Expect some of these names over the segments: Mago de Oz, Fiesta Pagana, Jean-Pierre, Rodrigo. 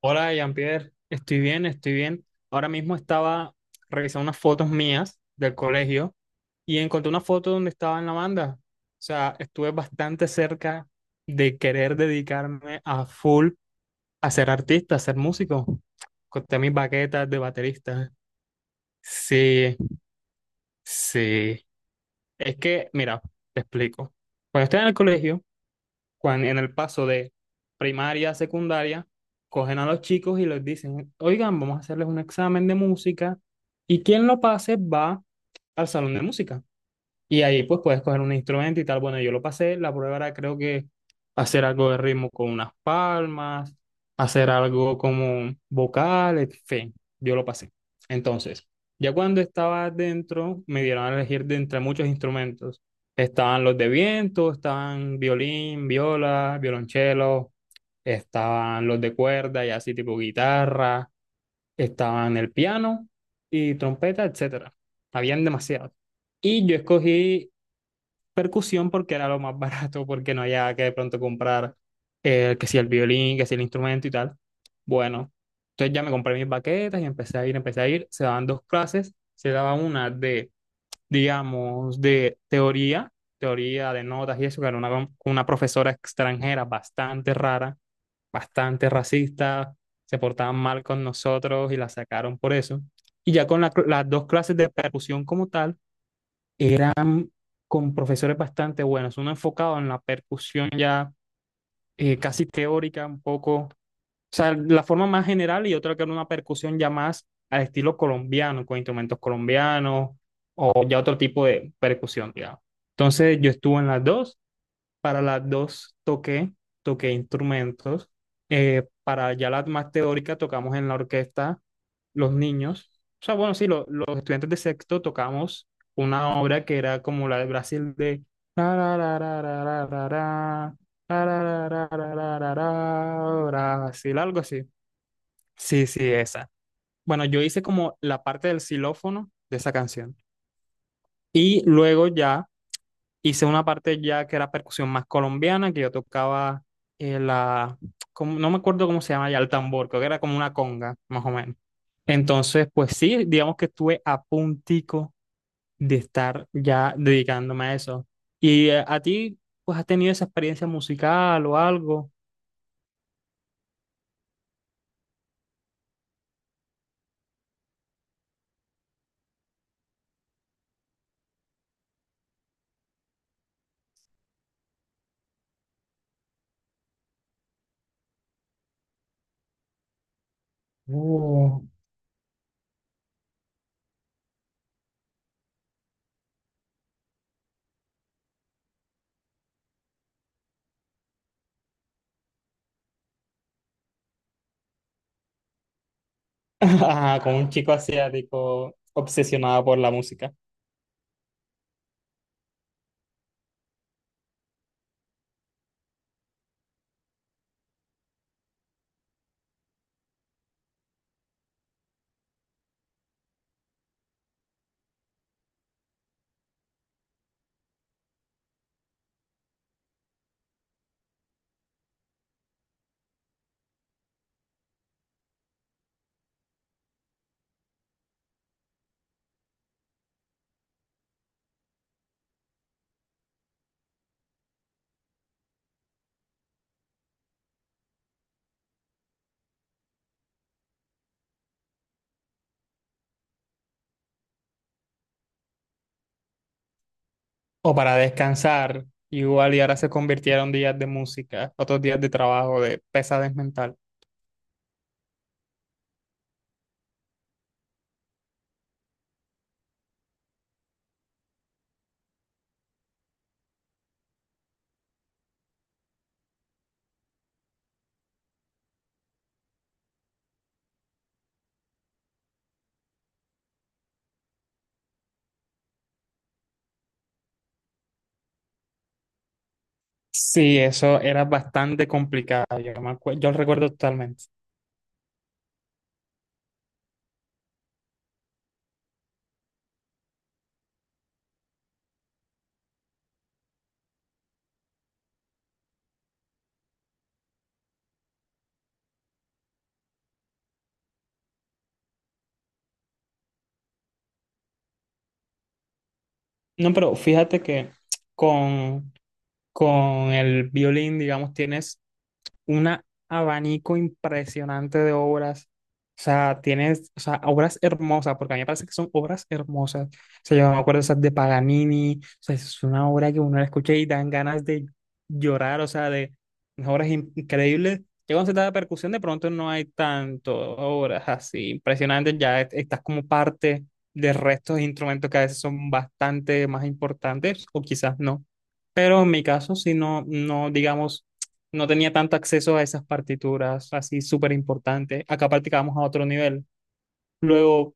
Hola, Jean-Pierre. Estoy bien. Ahora mismo estaba revisando unas fotos mías del colegio y encontré una foto donde estaba en la banda. O sea, estuve bastante cerca de querer dedicarme a full a ser artista, a ser músico. Corté mis baquetas de baterista. Sí, sí. Es que, mira, te explico. Cuando estaba en el colegio, en el paso de primaria a secundaria, cogen a los chicos y les dicen, oigan, vamos a hacerles un examen de música y quien lo pase va al salón de música. Y ahí pues puedes coger un instrumento y tal. Bueno, yo lo pasé, la prueba era creo que hacer algo de ritmo con unas palmas, hacer algo como vocal, en fin, yo lo pasé. Entonces, ya cuando estaba dentro, me dieron a elegir de entre muchos instrumentos. Estaban los de viento, estaban violín, viola, violonchelo, estaban los de cuerda y así tipo guitarra, estaban el piano y trompeta, etcétera. Habían demasiados. Y yo escogí percusión porque era lo más barato, porque no había que de pronto comprar que si el violín, que si el instrumento y tal. Bueno, entonces ya me compré mis baquetas y empecé a ir. Se daban dos clases, se daba una de, digamos, de teoría, teoría de notas y eso, que era una profesora extranjera bastante rara, bastante racista, se portaban mal con nosotros y la sacaron por eso. Y ya con la las dos clases de percusión como tal, eran con profesores bastante buenos, uno enfocado en la percusión ya casi teórica, un poco, o sea, la forma más general y otro que era una percusión ya más al estilo colombiano, con instrumentos colombianos o ya otro tipo de percusión, digamos. Entonces yo estuve en las dos para las dos toqué, toqué instrumentos. Para ya las más teóricas tocamos en la orquesta los niños. O sea, bueno, sí, los estudiantes de sexto tocamos una obra que era como la de Brasil de ra, ra, ra, ra, ra, ra, ra, ra, ra, ra, ra, ra, ra, ra, ra, Brasil, algo así. Sí, sí, esa. Bueno, yo hice como la parte del xilófono de esa canción. Y luego ya hice una parte ya que era percusión más colombiana, que yo tocaba la, no me acuerdo cómo se llama ya, el tambor, creo que era como una conga, más o menos. Entonces, pues sí, digamos que estuve a puntico de estar ya dedicándome a eso. ¿Y a ti, pues has tenido esa experiencia musical o algo? Uh. Ajá, con un chico asiático obsesionado por la música. O para descansar, igual y ahora se convirtieron días de música, otros días de trabajo, de pesadez mental. Sí, eso era bastante complicado, yo, yo lo recuerdo totalmente. No, pero fíjate que con, con el violín, digamos, tienes un abanico impresionante de obras. O sea, tienes, o sea, obras hermosas, porque a mí me parece que son obras hermosas. O sea, yo me acuerdo esas de Paganini, o sea, es una obra que uno la escucha y dan ganas de llorar, o sea, de unas obras increíbles. Ya cuando se trata de percusión, de pronto no hay tanto obras así impresionantes, ya estás como parte del resto de instrumentos que a veces son bastante más importantes, o quizás no. Pero en mi caso, si no, no, digamos no tenía tanto acceso a esas partituras así súper importantes. Acá practicábamos a otro nivel. Luego,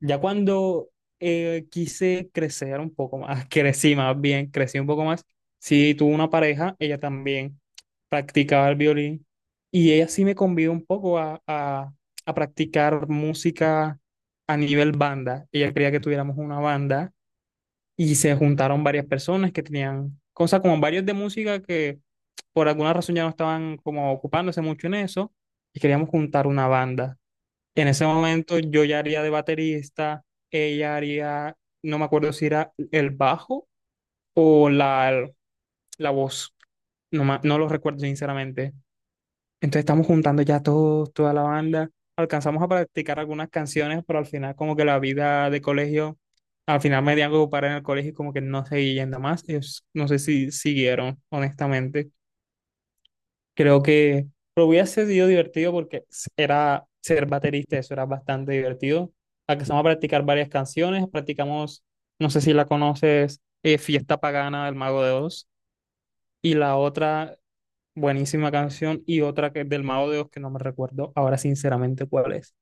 ya cuando quise crecer un poco más, crecí más bien, crecí un poco más, sí tuve una pareja, ella también practicaba el violín y ella sí me convidó un poco a practicar música a nivel banda. Ella quería que tuviéramos una banda y se juntaron varias personas que tenían cosas como varios de música que por alguna razón ya no estaban como ocupándose mucho en eso y queríamos juntar una banda. En ese momento yo ya haría de baterista, ella haría, no me acuerdo si era el bajo o la voz, no, no lo recuerdo sinceramente, entonces estamos juntando ya todos, toda la banda. Alcanzamos a practicar algunas canciones, pero al final como que la vida de colegio, al final me dieron que ocupar en el colegio y como que no seguí yendo más. Ellos no sé si siguieron, honestamente. Creo que lo hubiera sido divertido porque era ser baterista, eso era bastante divertido. Alcanzamos a practicar varias canciones, practicamos, no sé si la conoces, Fiesta Pagana del Mago de Oz. Y la otra buenísima canción y otra que es del Mago de Oz que no me recuerdo ahora sinceramente cuál es.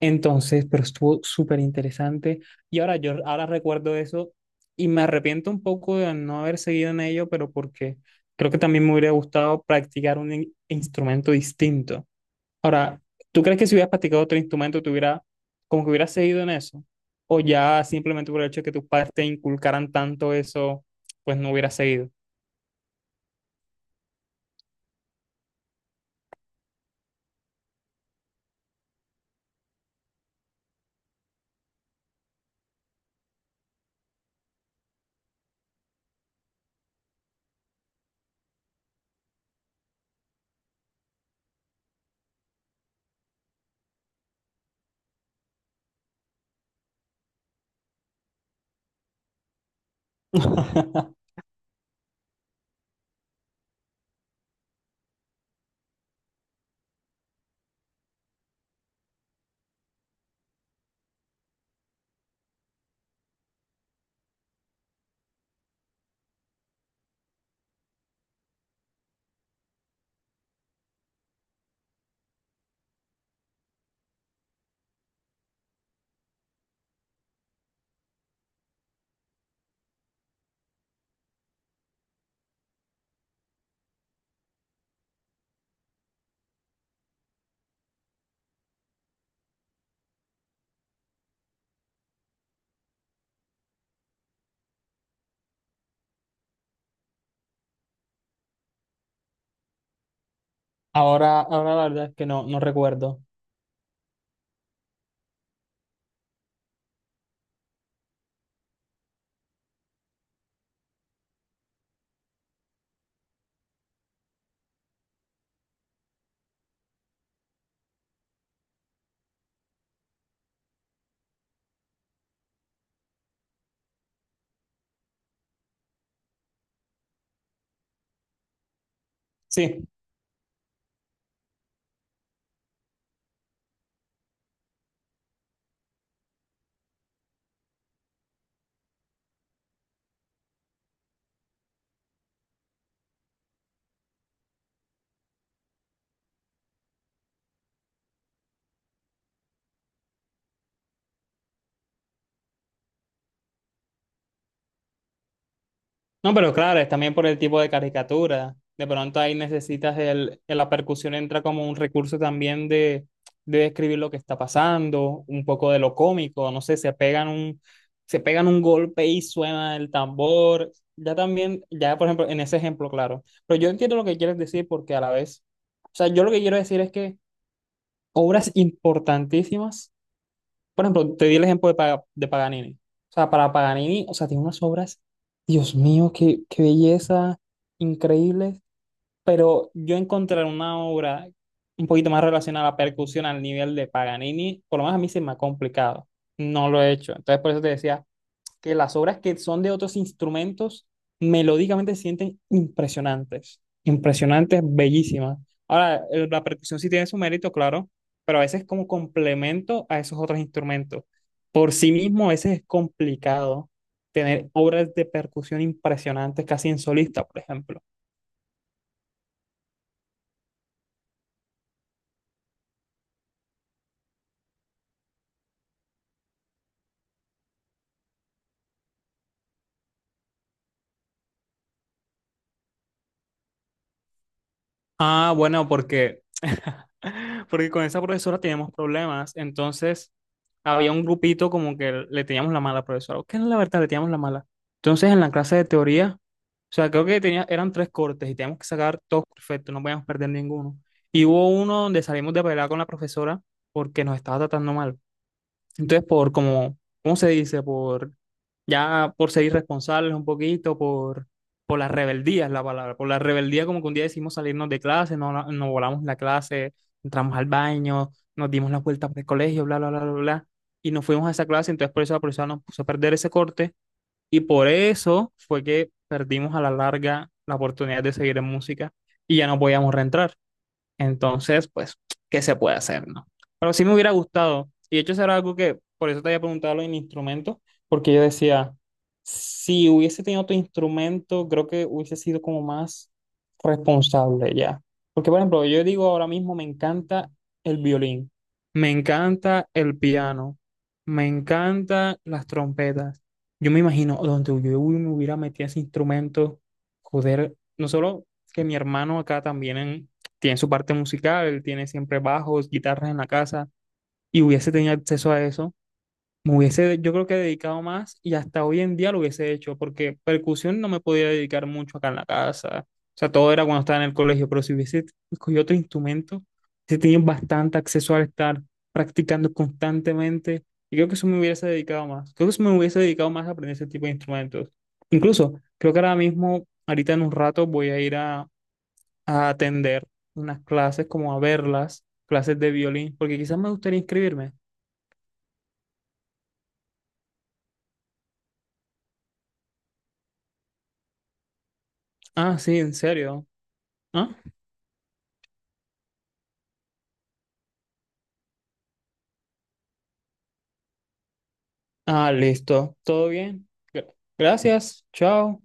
Entonces, pero estuvo súper interesante y ahora yo ahora recuerdo eso y me arrepiento un poco de no haber seguido en ello, pero porque creo que también me hubiera gustado practicar un instrumento distinto. Ahora, ¿tú crees que si hubieras practicado otro instrumento te hubiera como que hubieras seguido en eso? ¿O ya simplemente por el hecho de que tus padres te inculcaran tanto eso, pues no hubieras seguido? Ahora, ahora la verdad es que no, no recuerdo. Sí, no, pero claro, es también por el tipo de caricatura. De pronto ahí necesitas la percusión entra como un recurso también de describir lo que está pasando, un poco de lo cómico, no sé, se pegan un golpe y suena el tambor. Ya también, ya por ejemplo, en ese ejemplo, claro. Pero yo entiendo lo que quieres decir porque a la vez, o sea, yo lo que quiero decir es que obras importantísimas. Por ejemplo, te di el ejemplo de, de Paganini. O sea, para Paganini, o sea, tiene unas obras, Dios mío, qué belleza, increíbles. Pero yo encontrar una obra un poquito más relacionada a la percusión al nivel de Paganini, por lo menos a mí se me ha complicado. No lo he hecho. Entonces, por eso te decía que las obras que son de otros instrumentos melódicamente se sienten impresionantes, impresionantes, bellísimas. Ahora, la percusión sí tiene su mérito, claro, pero a veces como complemento a esos otros instrumentos. Por sí mismo, a veces es complicado tener obras de percusión impresionantes casi en solista, por ejemplo. Ah, bueno, porque con esa profesora teníamos problemas, entonces había un grupito como que le teníamos la mala a la profesora, que es la verdad, le teníamos la mala. Entonces en la clase de teoría, o sea, creo que tenía, eran tres cortes y teníamos que sacar todos perfectos, no podíamos perder ninguno. Y hubo uno donde salimos de pelea con la profesora porque nos estaba tratando mal. Entonces, por como, ¿cómo se dice? Por ya por ser irresponsables un poquito, por la rebeldía es la palabra. Por la rebeldía, como que un día decidimos salirnos de clase, no, no volamos la clase, entramos al baño, nos dimos la vuelta por el colegio, bla, bla, bla, bla, bla. Y nos fuimos a esa clase, entonces por eso la profesora nos puso a perder ese corte y por eso fue que perdimos a la larga la oportunidad de seguir en música y ya no podíamos reentrar. Entonces, pues, ¿qué se puede hacer, no? Pero sí me hubiera gustado. Y de hecho, eso era algo que, por eso te había preguntado los instrumentos, porque yo decía, si hubiese tenido otro instrumento, creo que hubiese sido como más responsable ya. Porque, por ejemplo, yo digo ahora mismo, me encanta el violín, me encanta el piano, me encantan las trompetas. Yo me imagino donde yo me hubiera metido ese instrumento, joder, no solo que mi hermano acá también en, tiene su parte musical, tiene siempre bajos, guitarras en la casa, y hubiese tenido acceso a eso, me hubiese, yo creo que dedicado más y hasta hoy en día lo hubiese hecho, porque percusión no me podía dedicar mucho acá en la casa, o sea, todo era cuando estaba en el colegio, pero si hubiese escogido otro instrumento, hubiese tenido bastante acceso al estar practicando constantemente, y creo que eso me hubiese dedicado más, creo que eso me hubiese dedicado más a aprender ese tipo de instrumentos. Incluso, creo que ahora mismo, ahorita en un rato, voy a ir a atender unas clases, como a verlas, clases de violín, porque quizás me gustaría inscribirme. Ah, sí, en serio. Ah, ah, listo. Todo bien. Gra- Gracias. Chao.